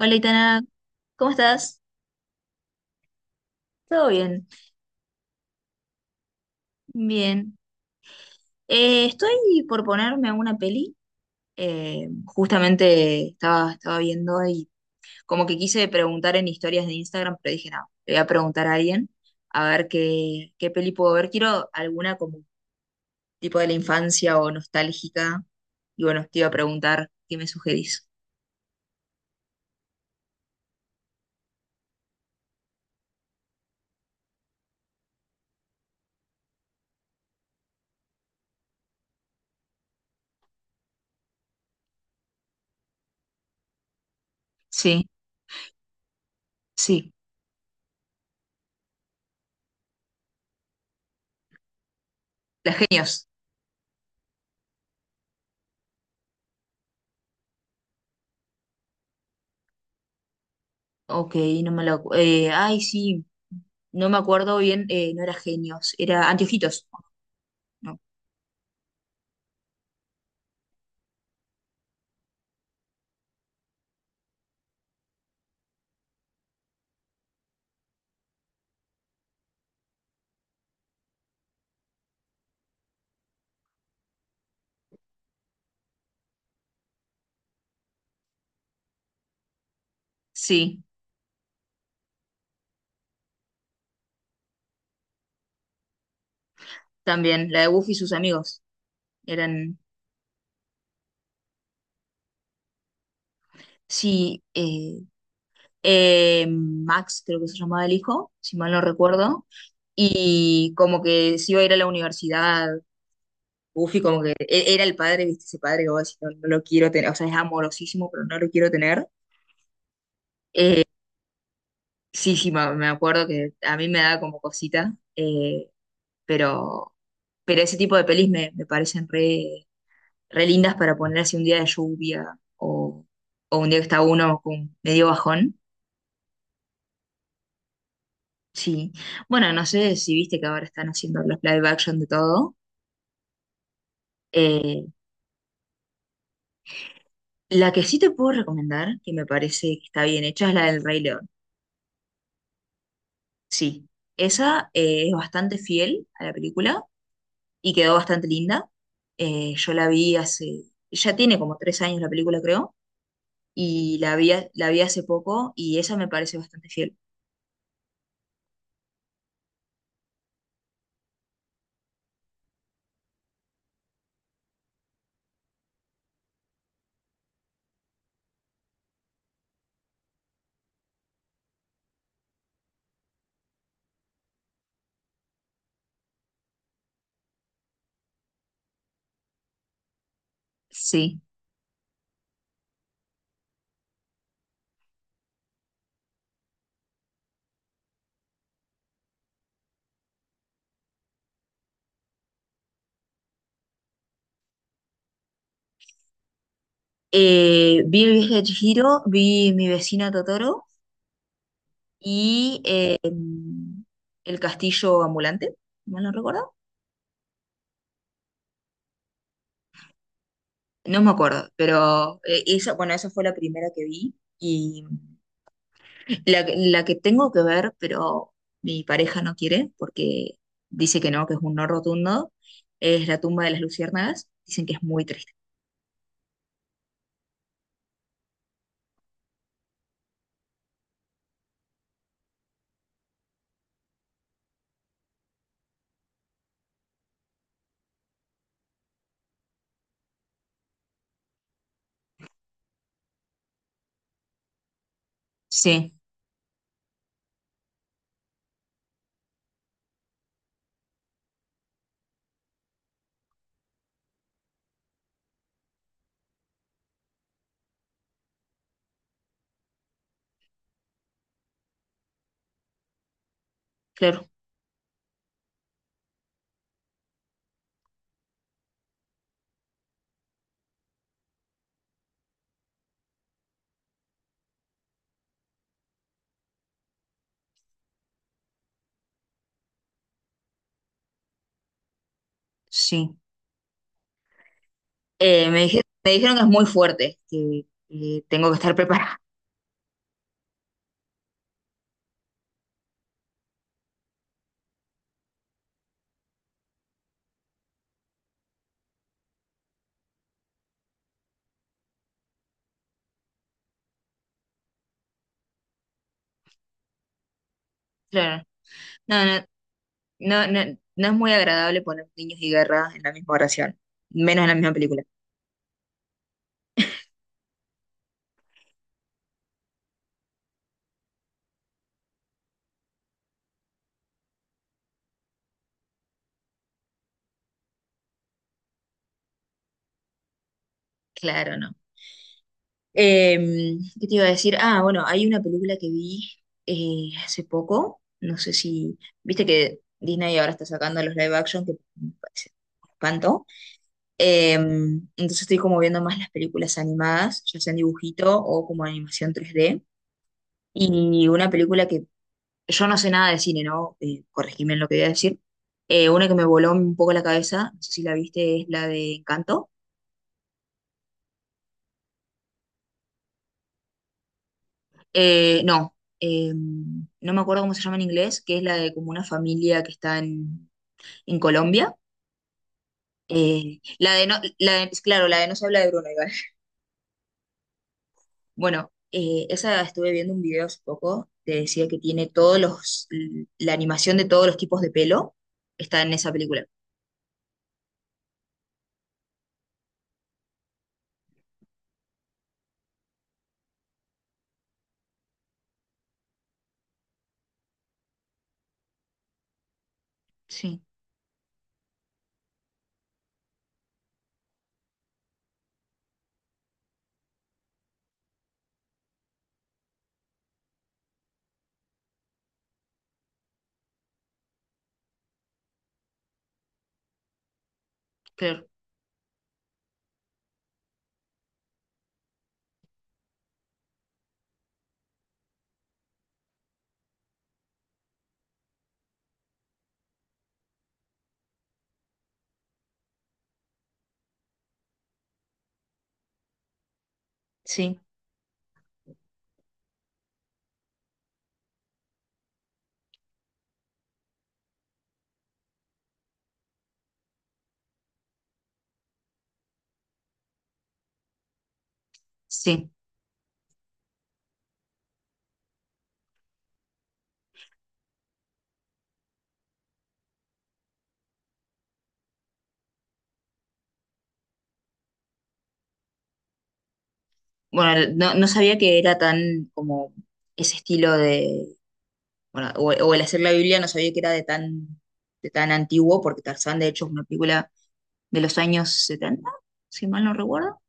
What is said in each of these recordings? Hola, Itana, ¿cómo estás? ¿Todo bien? Bien. Estoy por ponerme una peli. Justamente estaba viendo y como que quise preguntar en historias de Instagram, pero dije, no, le voy a preguntar a alguien a ver qué peli puedo ver. Quiero alguna como tipo de la infancia o nostálgica. Y bueno, te iba a preguntar qué me sugerís. Sí, sí. Las genios. Ok, no me lo... acu- ay, sí, no me acuerdo bien, no era genios, era anteojitos. No. Sí, también. La de Buffy y sus amigos. Eran. Sí, Max, creo que se llamaba el hijo, si mal no recuerdo. Y como que se iba a ir a la universidad. Buffy, como que era el padre, ¿viste? Ese padre que vos decís, no, no lo quiero tener. O sea, es amorosísimo, pero no lo quiero tener. Eh, sí, sí, me acuerdo que a mí me da como cosita. Pero, pero ese tipo de pelis me parecen re lindas para poner así un día de lluvia o un día que está uno con medio bajón. Sí. Bueno, no sé si viste que ahora están haciendo los live action de todo. Eh, la que sí te puedo recomendar, que me parece que está bien hecha, es la del Rey León. Sí. Esa es bastante fiel a la película y quedó bastante linda. Yo la vi hace, ya tiene como 3 años la película, creo, y la vi hace poco y esa me parece bastante fiel. Sí. Vi el viaje de Chihiro, vi mi vecina Totoro y el castillo ambulante, si mal no recuerdo. No me acuerdo, pero esa, bueno, esa fue la primera que vi y la que tengo que ver, pero mi pareja no quiere porque dice que no, que es un no rotundo, es la tumba de las luciérnagas. Dicen que es muy triste. Sí, claro, sí. Me dijeron que es muy fuerte, que tengo que estar preparada. Claro. No, no. No, no, no es muy agradable poner niños y guerra en la misma oración, menos en la misma película. Claro, no. ¿Qué te iba a decir? Ah, bueno, hay una película que vi hace poco, no sé si, viste que Disney ahora está sacando los live action, que me parece un espanto. Entonces estoy como viendo más las películas animadas, ya sea en dibujito o como animación 3D. Y una película que yo no sé nada de cine, ¿no? Corregime en lo que voy a decir. Una que me voló un poco la cabeza, no sé si la viste, es la de Encanto. No, no me acuerdo cómo se llama en inglés, que es la de como una familia que está en Colombia. La de no, la de- Claro, la de no se habla de Bruno, igual. Bueno, esa estuve viendo un video hace poco que decía que tiene todos la animación de todos los tipos de pelo está en esa película. Sí, claro, sí, sí. Bueno, no, no sabía que era tan como ese estilo de, bueno, o, el hacer la Biblia no sabía que era de tan antiguo, porque Tarzán de hecho es una película de los años 70 si mal no recuerdo.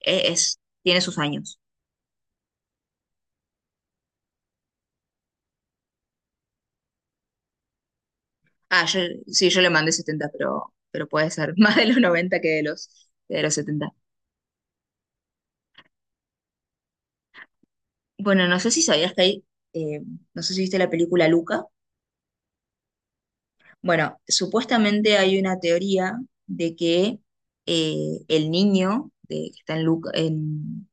Tiene sus años. Ah, sí, yo le mandé 70 pero puede ser más de los 90 que que de los setenta. Bueno, no sé si sabías que hay, eh, no sé si viste la película Luca. Bueno, supuestamente hay una teoría de que el niño que está en, Luca- en,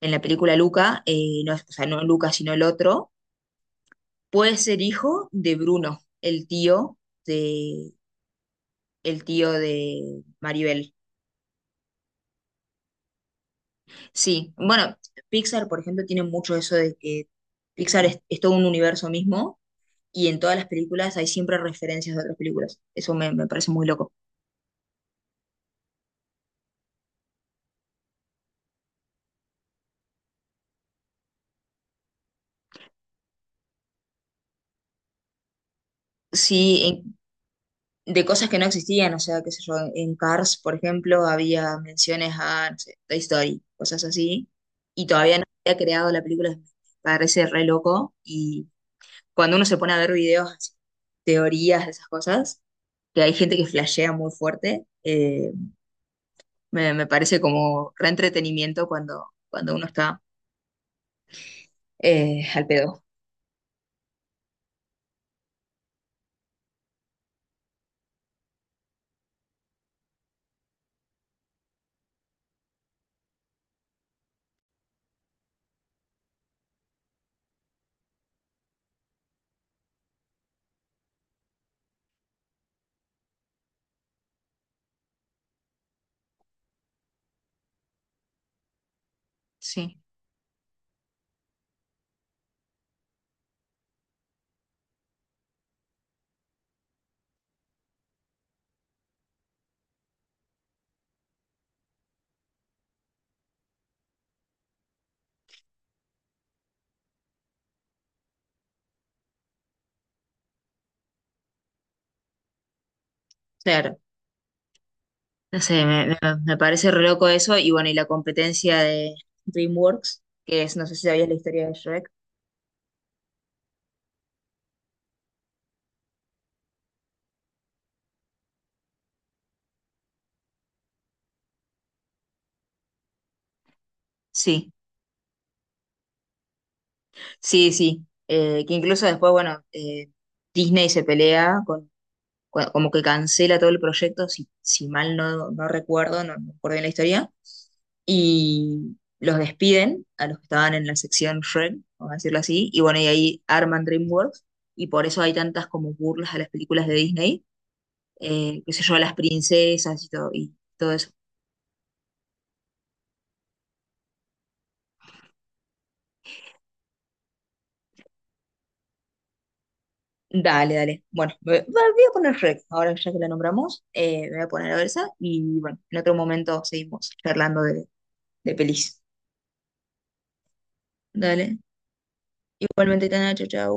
en la película Luca, no, o sea, no Luca, sino el otro, puede ser hijo de Bruno, de, el tío de, Maribel. Sí, bueno, Pixar, por ejemplo, tiene mucho eso de que Pixar es todo un universo mismo y en todas las películas hay siempre referencias de otras películas. Eso me parece muy loco. Sí, de cosas que no existían, o sea, qué sé yo, en Cars, por ejemplo, había menciones a, no sé, Toy Story, cosas así, y todavía no había creado la película, me parece re loco, y cuando uno se pone a ver videos, así, teorías de esas cosas, que hay gente que flashea muy fuerte, me parece como re entretenimiento cuando uno está al pedo. Sí, claro. No sé, me parece re loco eso, y bueno, y la competencia de DreamWorks, que es, no sé si sabías la historia de Shrek. Sí, sí, sí. Que incluso después, bueno, Disney se pelea con, como que cancela todo el proyecto, si, si mal no recuerdo, no recuerdo bien la historia, y los despiden a los que estaban en la sección Shrek, vamos a decirlo así, y bueno, y ahí arman DreamWorks, y por eso hay tantas como burlas a las películas de Disney, qué sé yo, a las princesas y todo eso. Dale, dale. Bueno, voy a poner Rec, ahora ya que la nombramos, me voy a poner a ver esa y bueno, en otro momento seguimos charlando de, pelis. Dale. Igualmente, Tana, chau, chau.